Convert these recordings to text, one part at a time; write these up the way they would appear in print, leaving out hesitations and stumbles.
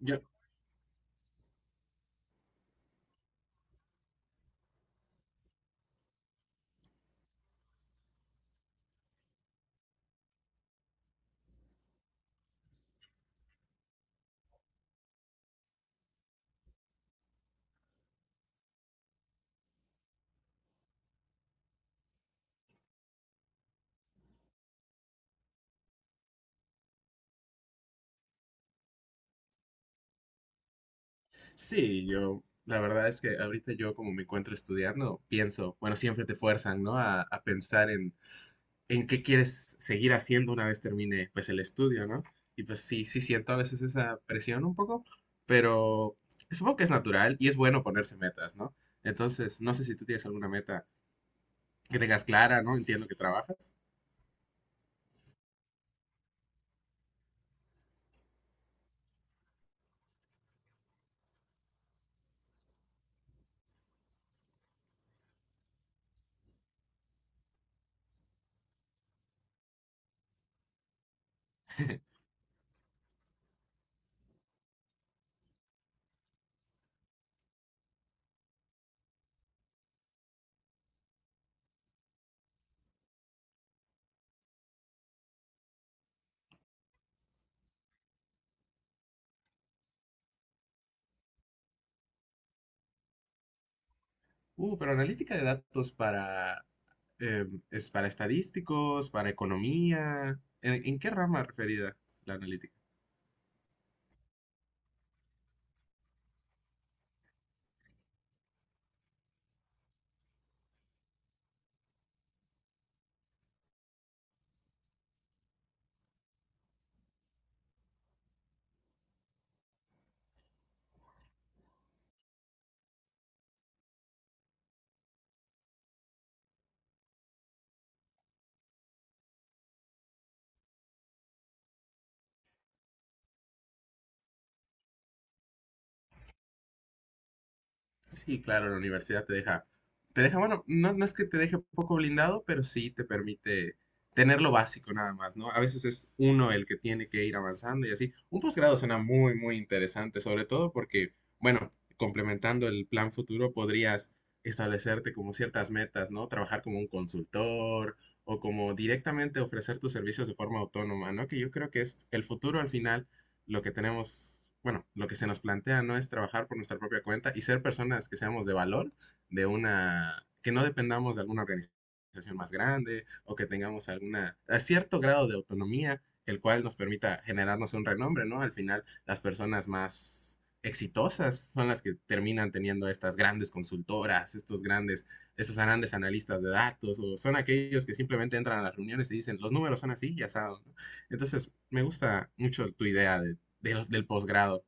Yo, sí, yo, la verdad es que ahorita yo como me encuentro estudiando, pienso, bueno, siempre te fuerzan, ¿no? A pensar en qué quieres seguir haciendo una vez termine, pues, el estudio, ¿no? Y pues sí, sí siento a veces esa presión un poco, pero supongo que es natural y es bueno ponerse metas, ¿no? Entonces, no sé si tú tienes alguna meta que tengas clara, ¿no? Entiendo que trabajas. Pero analítica de datos es para estadísticos, para economía. ¿En qué rama referida la analítica? Sí, claro, la universidad te deja, bueno, no, no es que te deje poco blindado, pero sí te permite tener lo básico nada más, ¿no? A veces es uno el que tiene que ir avanzando y así. Un posgrado suena muy, muy interesante, sobre todo porque, bueno, complementando el plan futuro, podrías establecerte como ciertas metas, ¿no? Trabajar como un consultor o como directamente ofrecer tus servicios de forma autónoma, ¿no? Que yo creo que es el futuro al final lo que tenemos, bueno, lo que se nos plantea no es trabajar por nuestra propia cuenta y ser personas que seamos de valor, de una, que no dependamos de alguna organización más grande o que tengamos alguna, a cierto grado de autonomía, el cual nos permita generarnos un renombre, ¿no? Al final, las personas más exitosas son las que terminan teniendo estas grandes consultoras, estos grandes analistas de datos, o son aquellos que simplemente entran a las reuniones y dicen, los números son así, ya saben, ¿no? Entonces, me gusta mucho tu idea del posgrado.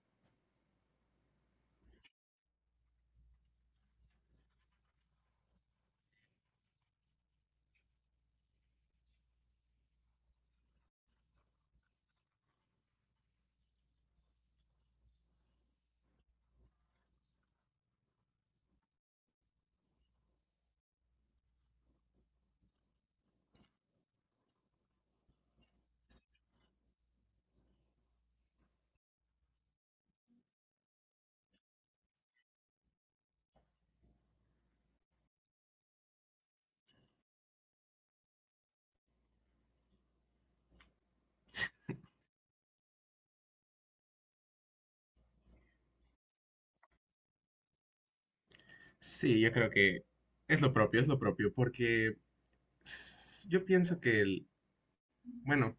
Sí, yo creo que es lo propio, porque yo pienso que el, bueno,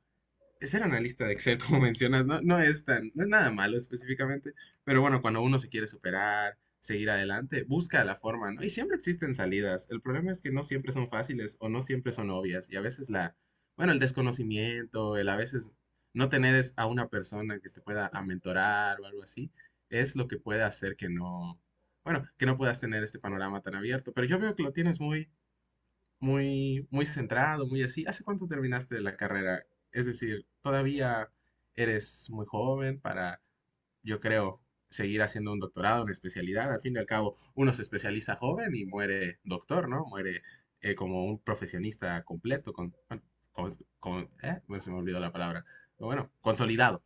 ser analista de Excel, como mencionas, no, no es tan, no es nada malo específicamente, pero bueno, cuando uno se quiere superar, seguir adelante, busca la forma, ¿no? Y siempre existen salidas. El problema es que no siempre son fáciles o no siempre son obvias. Y a veces bueno, el desconocimiento, el a veces no tener a una persona que te pueda mentorar o algo así, es lo que puede hacer que no, bueno, que no puedas tener este panorama tan abierto. Pero yo veo que lo tienes muy, muy, muy centrado, muy así. ¿Hace cuánto terminaste la carrera? Es decir, todavía eres muy joven para, yo creo, seguir haciendo un doctorado, una especialidad. Al fin y al cabo, uno se especializa joven y muere doctor, ¿no? Muere como un profesionista completo, con, bueno, con, bueno, se me olvidó la palabra. Pero bueno, consolidado.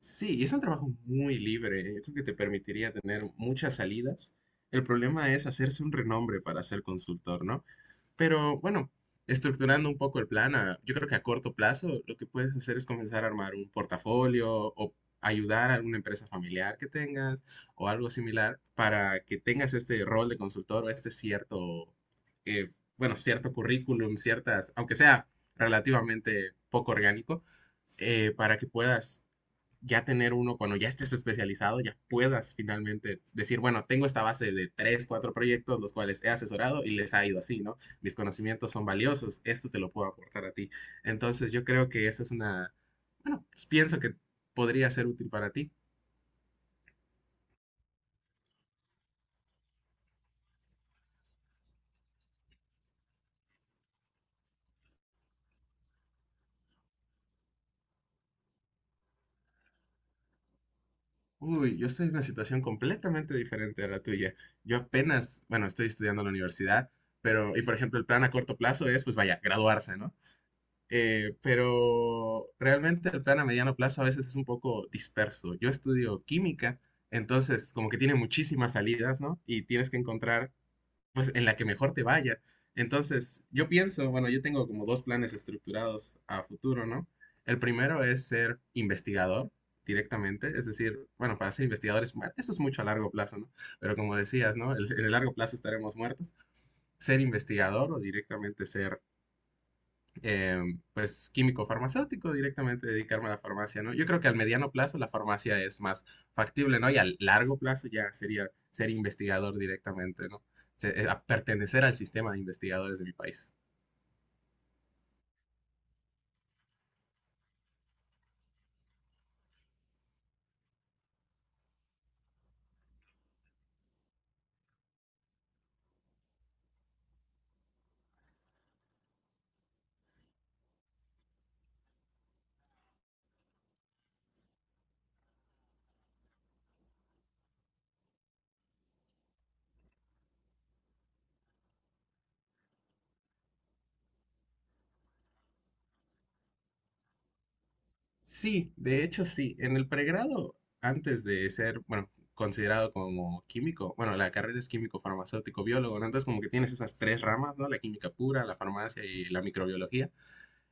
Sí, y es un trabajo muy libre. Yo creo que te permitiría tener muchas salidas. El problema es hacerse un renombre para ser consultor, ¿no? Pero bueno, estructurando un poco el plan, yo creo que a corto plazo lo que puedes hacer es comenzar a armar un portafolio o ayudar a alguna empresa familiar que tengas o algo similar para que tengas este rol de consultor o este cierto, eh, bueno, cierto currículum, ciertas, aunque sea relativamente poco orgánico, para que puedas ya tener uno cuando ya estés especializado, ya puedas finalmente decir, bueno, tengo esta base de tres, cuatro proyectos los cuales he asesorado y les ha ido así, ¿no? Mis conocimientos son valiosos, esto te lo puedo aportar a ti. Entonces yo creo que eso es una, bueno, pues, pienso que podría ser útil para ti. Uy, yo estoy en una situación completamente diferente a la tuya. Yo apenas, bueno, estoy estudiando en la universidad, pero, y por ejemplo, el plan a corto plazo es, pues vaya, graduarse, ¿no? Pero realmente el plan a mediano plazo a veces es un poco disperso. Yo estudio química, entonces como que tiene muchísimas salidas, ¿no? Y tienes que encontrar pues en la que mejor te vaya. Entonces, yo pienso, bueno, yo tengo como dos planes estructurados a futuro, ¿no? El primero es ser investigador directamente, es decir, bueno, para ser investigadores, bueno, eso es mucho a largo plazo, ¿no? Pero como decías, ¿no? En el largo plazo estaremos muertos. Ser investigador o directamente ser eh, pues químico farmacéutico, directamente dedicarme a la farmacia, ¿no? Yo creo que al mediano plazo la farmacia es más factible, ¿no? Y al largo plazo ya sería ser investigador directamente, ¿no? A pertenecer al sistema de investigadores de mi país. Sí, de hecho sí, en el pregrado, antes de ser, bueno, considerado como químico, bueno, la carrera es químico farmacéutico biólogo, ¿no? Entonces como que tienes esas tres ramas, ¿no? La química pura, la farmacia y la microbiología.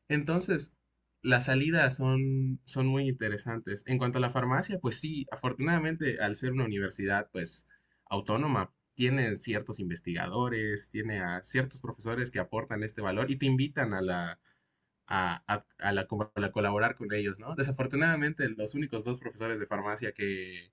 Entonces, las salidas son muy interesantes. En cuanto a la farmacia, pues sí, afortunadamente al ser una universidad, pues autónoma, tiene ciertos investigadores, tiene a ciertos profesores que aportan este valor y te invitan a la co- a la colaborar con ellos, ¿no? Desafortunadamente, los únicos dos profesores de farmacia que,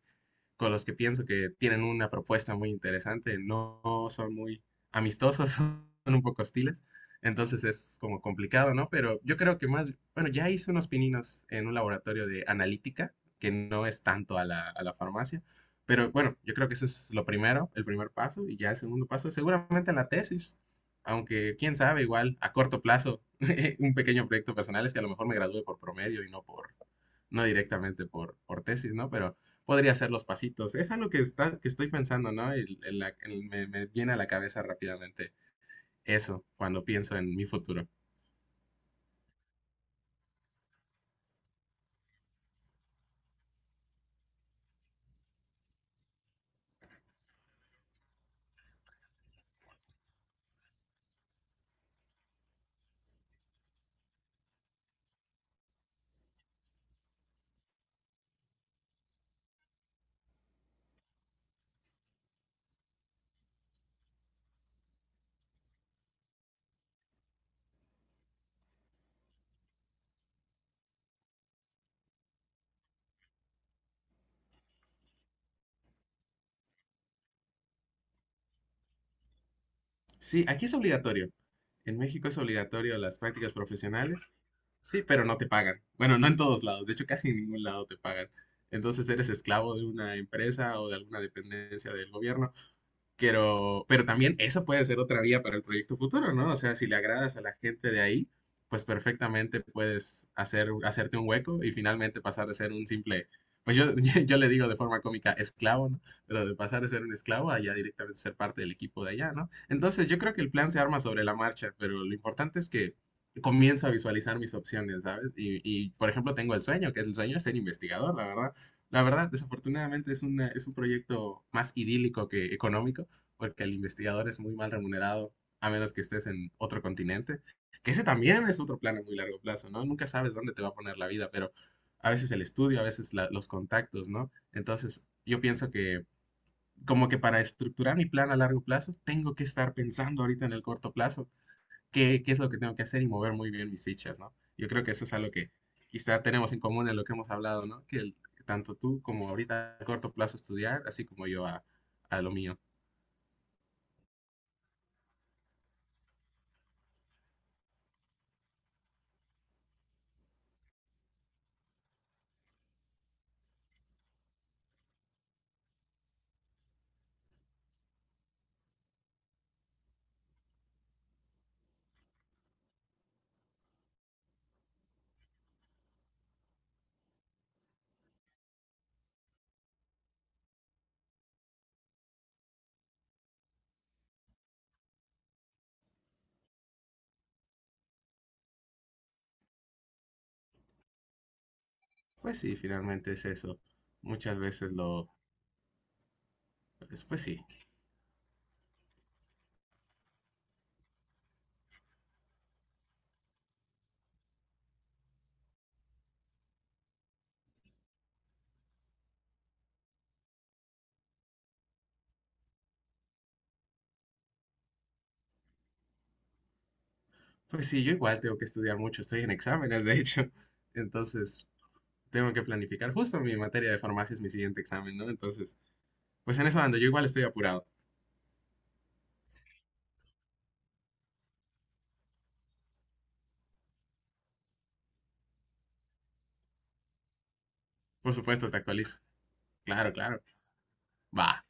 con los que pienso que tienen una propuesta muy interesante, no son muy amistosos, son un poco hostiles, entonces es como complicado, ¿no? Pero yo creo que más, bueno, ya hice unos pininos en un laboratorio de analítica, que no es tanto a la, farmacia, pero bueno, yo creo que eso es lo primero, el primer paso, y ya el segundo paso, seguramente la tesis, aunque quién sabe, igual a corto plazo, un pequeño proyecto personal es que a lo mejor me gradúe por promedio y no por, no directamente por tesis, ¿no? Pero podría hacer los pasitos. Es algo que estoy pensando, ¿no? Me viene a la cabeza rápidamente eso cuando pienso en mi futuro. Sí, aquí es obligatorio. En México es obligatorio las prácticas profesionales. Sí, pero no te pagan. Bueno, no en todos lados. De hecho, casi en ningún lado te pagan. Entonces eres esclavo de una empresa o de alguna dependencia del gobierno. Pero también esa puede ser otra vía para el proyecto futuro, ¿no? O sea, si le agradas a la gente de ahí, pues perfectamente puedes hacerte un hueco y finalmente pasar de ser un simple, pues yo, yo le digo de forma cómica esclavo, ¿no? Pero de pasar de ser un esclavo a ya directamente ser parte del equipo de allá, ¿no? Entonces yo creo que el plan se arma sobre la marcha, pero lo importante es que comienzo a visualizar mis opciones, ¿sabes? Por ejemplo, tengo el sueño, que es el sueño de ser investigador, la verdad. La verdad, desafortunadamente es un proyecto más idílico que económico, porque el investigador es muy mal remunerado, a menos que estés en otro continente, que ese también es otro plan a muy largo plazo, ¿no? Nunca sabes dónde te va a poner la vida, pero a veces el estudio, a veces los contactos, ¿no? Entonces, yo pienso que como que para estructurar mi plan a largo plazo, tengo que estar pensando ahorita en el corto plazo, qué es lo que tengo que hacer y mover muy bien mis fichas, ¿no? Yo creo que eso es algo que quizá tenemos en común en lo que hemos hablado, ¿no? Que tanto tú como ahorita a corto plazo estudiar, así como yo a lo mío. Pues sí, finalmente es eso. Muchas veces lo... Pues sí. Pues sí, yo igual tengo que estudiar mucho. Estoy en exámenes, de hecho. Entonces, tengo que planificar. Justo mi materia de farmacia es mi siguiente examen, ¿no? Entonces, pues en eso ando. Yo igual estoy apurado. Por supuesto, te actualizo. Claro, claro. Va.